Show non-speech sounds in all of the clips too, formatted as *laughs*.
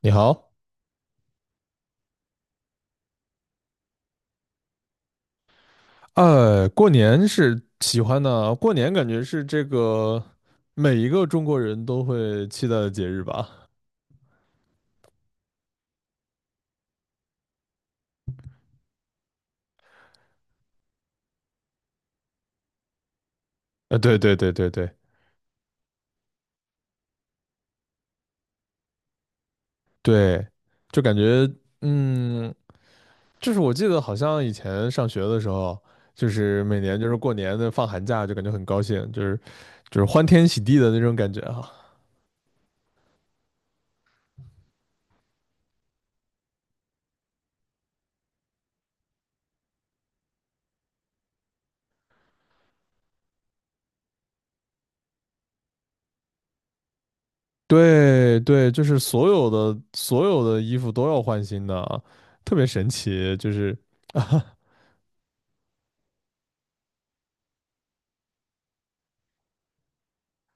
你好。过年是喜欢的，过年感觉是这个每一个中国人都会期待的节日吧？呃，对对对对对对，就感觉嗯，就是我记得好像以前上学的时候，就是每年就是过年的放寒假，就感觉很高兴，就是欢天喜地的那种感觉哈。对对，就是所有的衣服都要换新的啊，特别神奇，就是 *laughs*。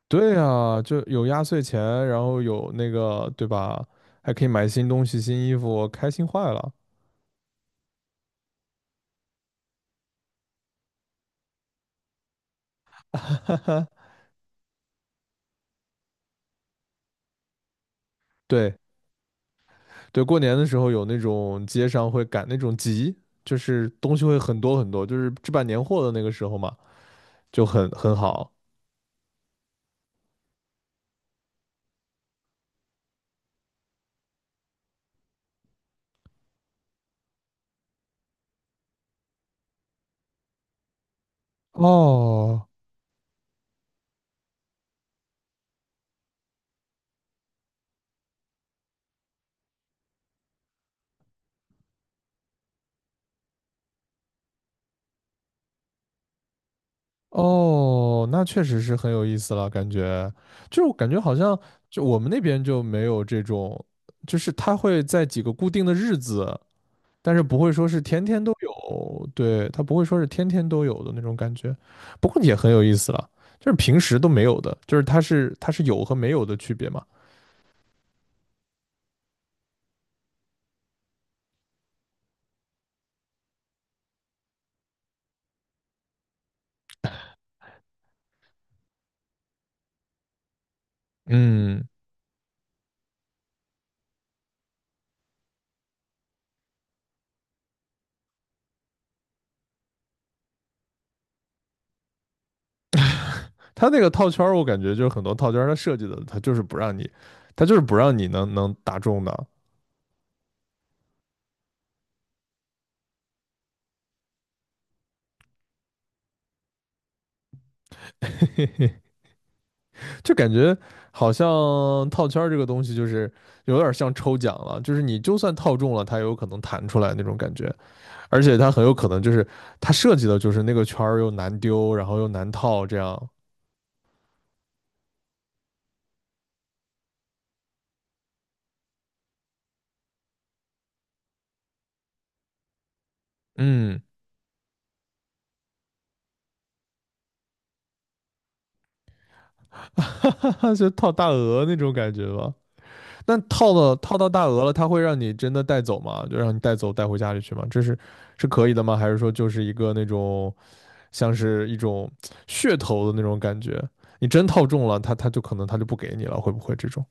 对啊，就有压岁钱，然后有那个，对吧？还可以买新东西、新衣服，开心坏了。*laughs* 对对，过年的时候有那种街上会赶那种集，就是东西会很多很多，就是置办年货的那个时候嘛，就很好。哦哦，那确实是很有意思了，感觉我感觉好像我们那边就没有这种，就是他会在几个固定的日子。但是不会说是天天都有，对，它不会说是天天都有的那种感觉，不过也很有意思了，就是平时都没有的，就是它是有和没有的区别嘛。嗯，它那个套圈儿，我感觉就是很多套圈儿它设计的，它就是不让你，它就是不让你能打中的，就感觉好像套圈儿这个东西就是有点像抽奖了，就是你就算套中了，它也有可能弹出来那种感觉，而且它很有可能就是它设计的就是那个圈儿又难丢，然后又难套这样。嗯，*laughs* 哈哈哈，就套大鹅那种感觉吧。那套到大鹅了，它会让你真的带走吗？就让你带走带回家里去吗？这是是可以的吗？还是说就是一个那种像是一种噱头的那种感觉？你真套中了，它就可能它就不给你了，会不会这种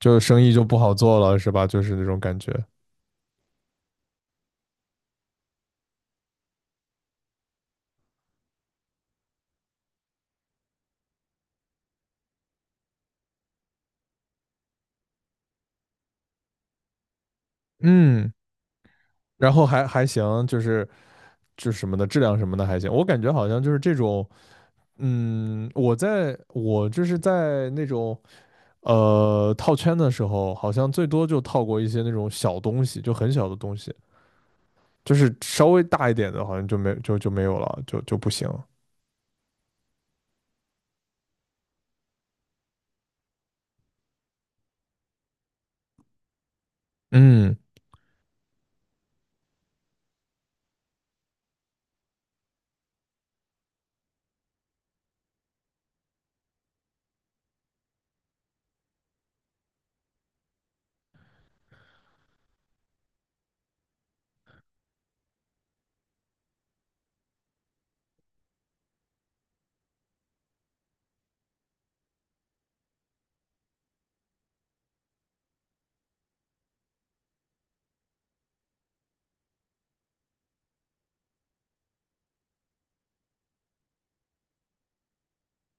就生意就不好做了，是吧？就是那种感觉。嗯，然后还行，就是就是什么的质量什么的还行。我感觉好像就是这种，嗯，我就是在那种。呃，套圈的时候好像最多就套过一些那种小东西，就很小的东西，就是稍微大一点的，好像就没有了，就不行。嗯，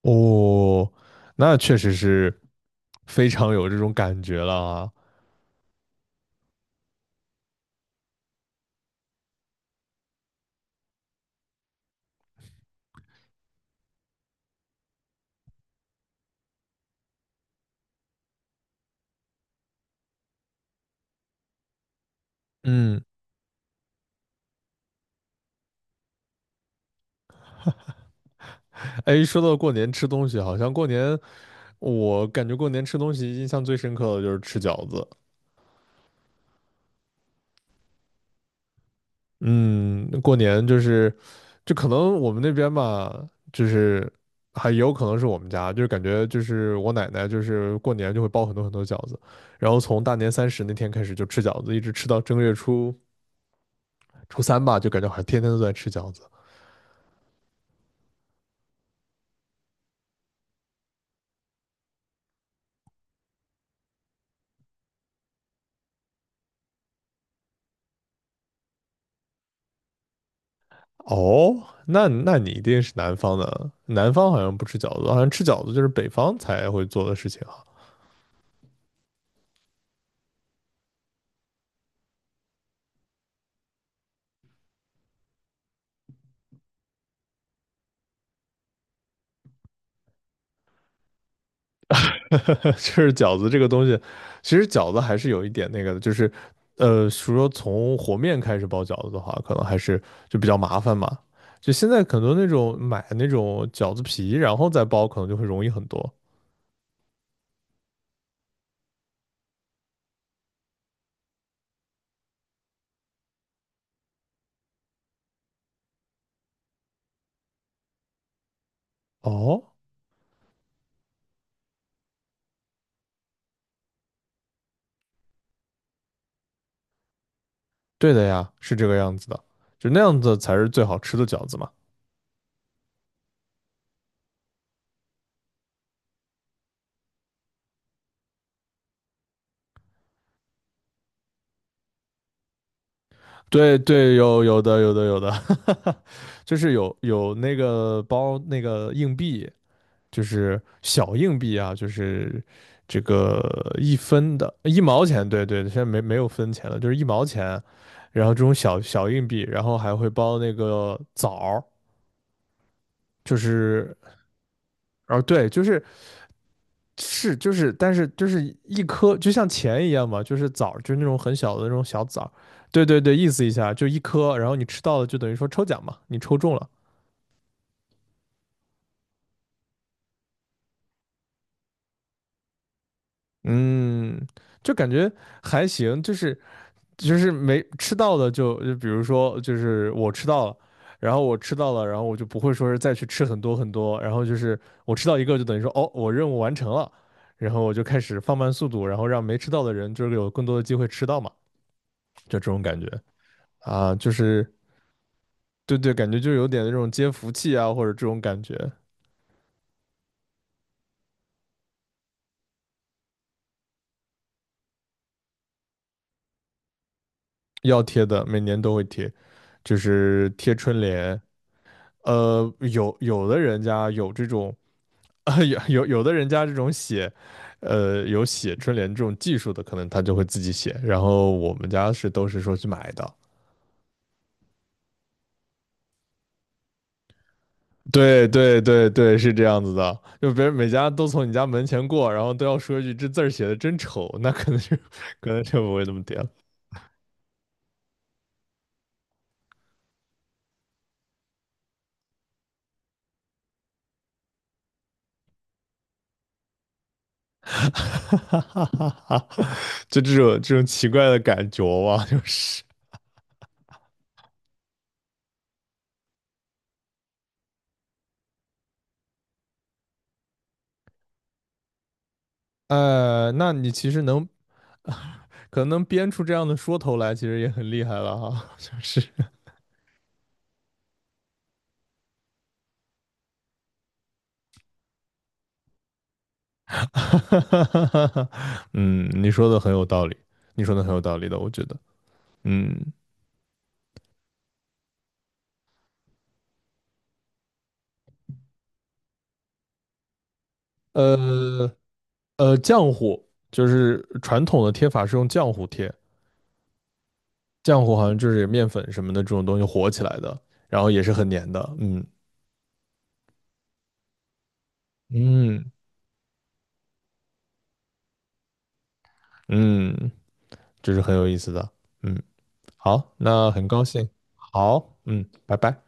哦，那确实是非常有这种感觉了啊。嗯，哎，说到过年吃东西，好像过年我感觉过年吃东西印象最深刻的就是吃饺子。嗯，过年就是，就可能我们那边吧，就是还有可能是我们家，就是感觉就是我奶奶就是过年就会包很多很多饺子，然后从大年三十那天开始就吃饺子，一直吃到正月初三吧，就感觉好像天天都在吃饺子。哦，那你一定是南方的，南方好像不吃饺子，好像吃饺子就是北方才会做的事情啊。*laughs* 就是饺子这个东西，其实饺子还是有一点那个的，就是呃，说从和面开始包饺子的话，可能还是就比较麻烦嘛。就现在很多那种买那种饺子皮，然后再包，可能就会容易很多。哦，对的呀，是这个样子的，就那样子才是最好吃的饺子嘛。对对，有的，*laughs* 就是有那个包那个硬币，就是小硬币啊，就是这个一分的一毛钱，对对，现在没有分钱了，就是一毛钱，然后这种小小硬币，然后还会包那个枣儿，就是哦对，就是是就是，但是就是一颗就像钱一样嘛，就是枣儿，就是那种很小的那种小枣儿，对对对，意思一下就一颗，然后你吃到了就等于说抽奖嘛，你抽中了，嗯，就感觉还行，就是。就是没吃到的就比如说就是我吃到了，然后我吃到了，然后我就不会说是再去吃很多很多，然后就是我吃到一个就等于说哦我任务完成了，然后我就开始放慢速度，然后让没吃到的人就是有更多的机会吃到嘛，就这种感觉啊，就是对对，感觉就有点那种接福气啊或者这种感觉，要贴的每年都会贴，就是贴春联，呃有有的人家有这种。*laughs* 啊，有 *laughs* 有的人家这种写，呃，有写春联这种技术的，可能他就会自己写。然后我们家是都是说去买的。对对对对，是这样子的。就别人每家都从你家门前过，然后都要说一句"这字儿写的真丑"，那可能就 *laughs* 可能就不会那么点了。*laughs* 哈哈哈哈哈！就这种奇怪的感觉吧，就是。那你其实可能能编出这样的说头来，其实也很厉害了哈，*laughs* 就是。*laughs* 哈，嗯，你说的很有道理，你说的很有道理的，我觉得，嗯，呃浆糊就是传统的贴法是用浆糊贴，浆糊好像就是面粉什么的这种东西和起来的，然后也是很粘的，嗯嗯嗯，这是很有意思的，嗯，好，那很高兴，好，嗯，拜拜。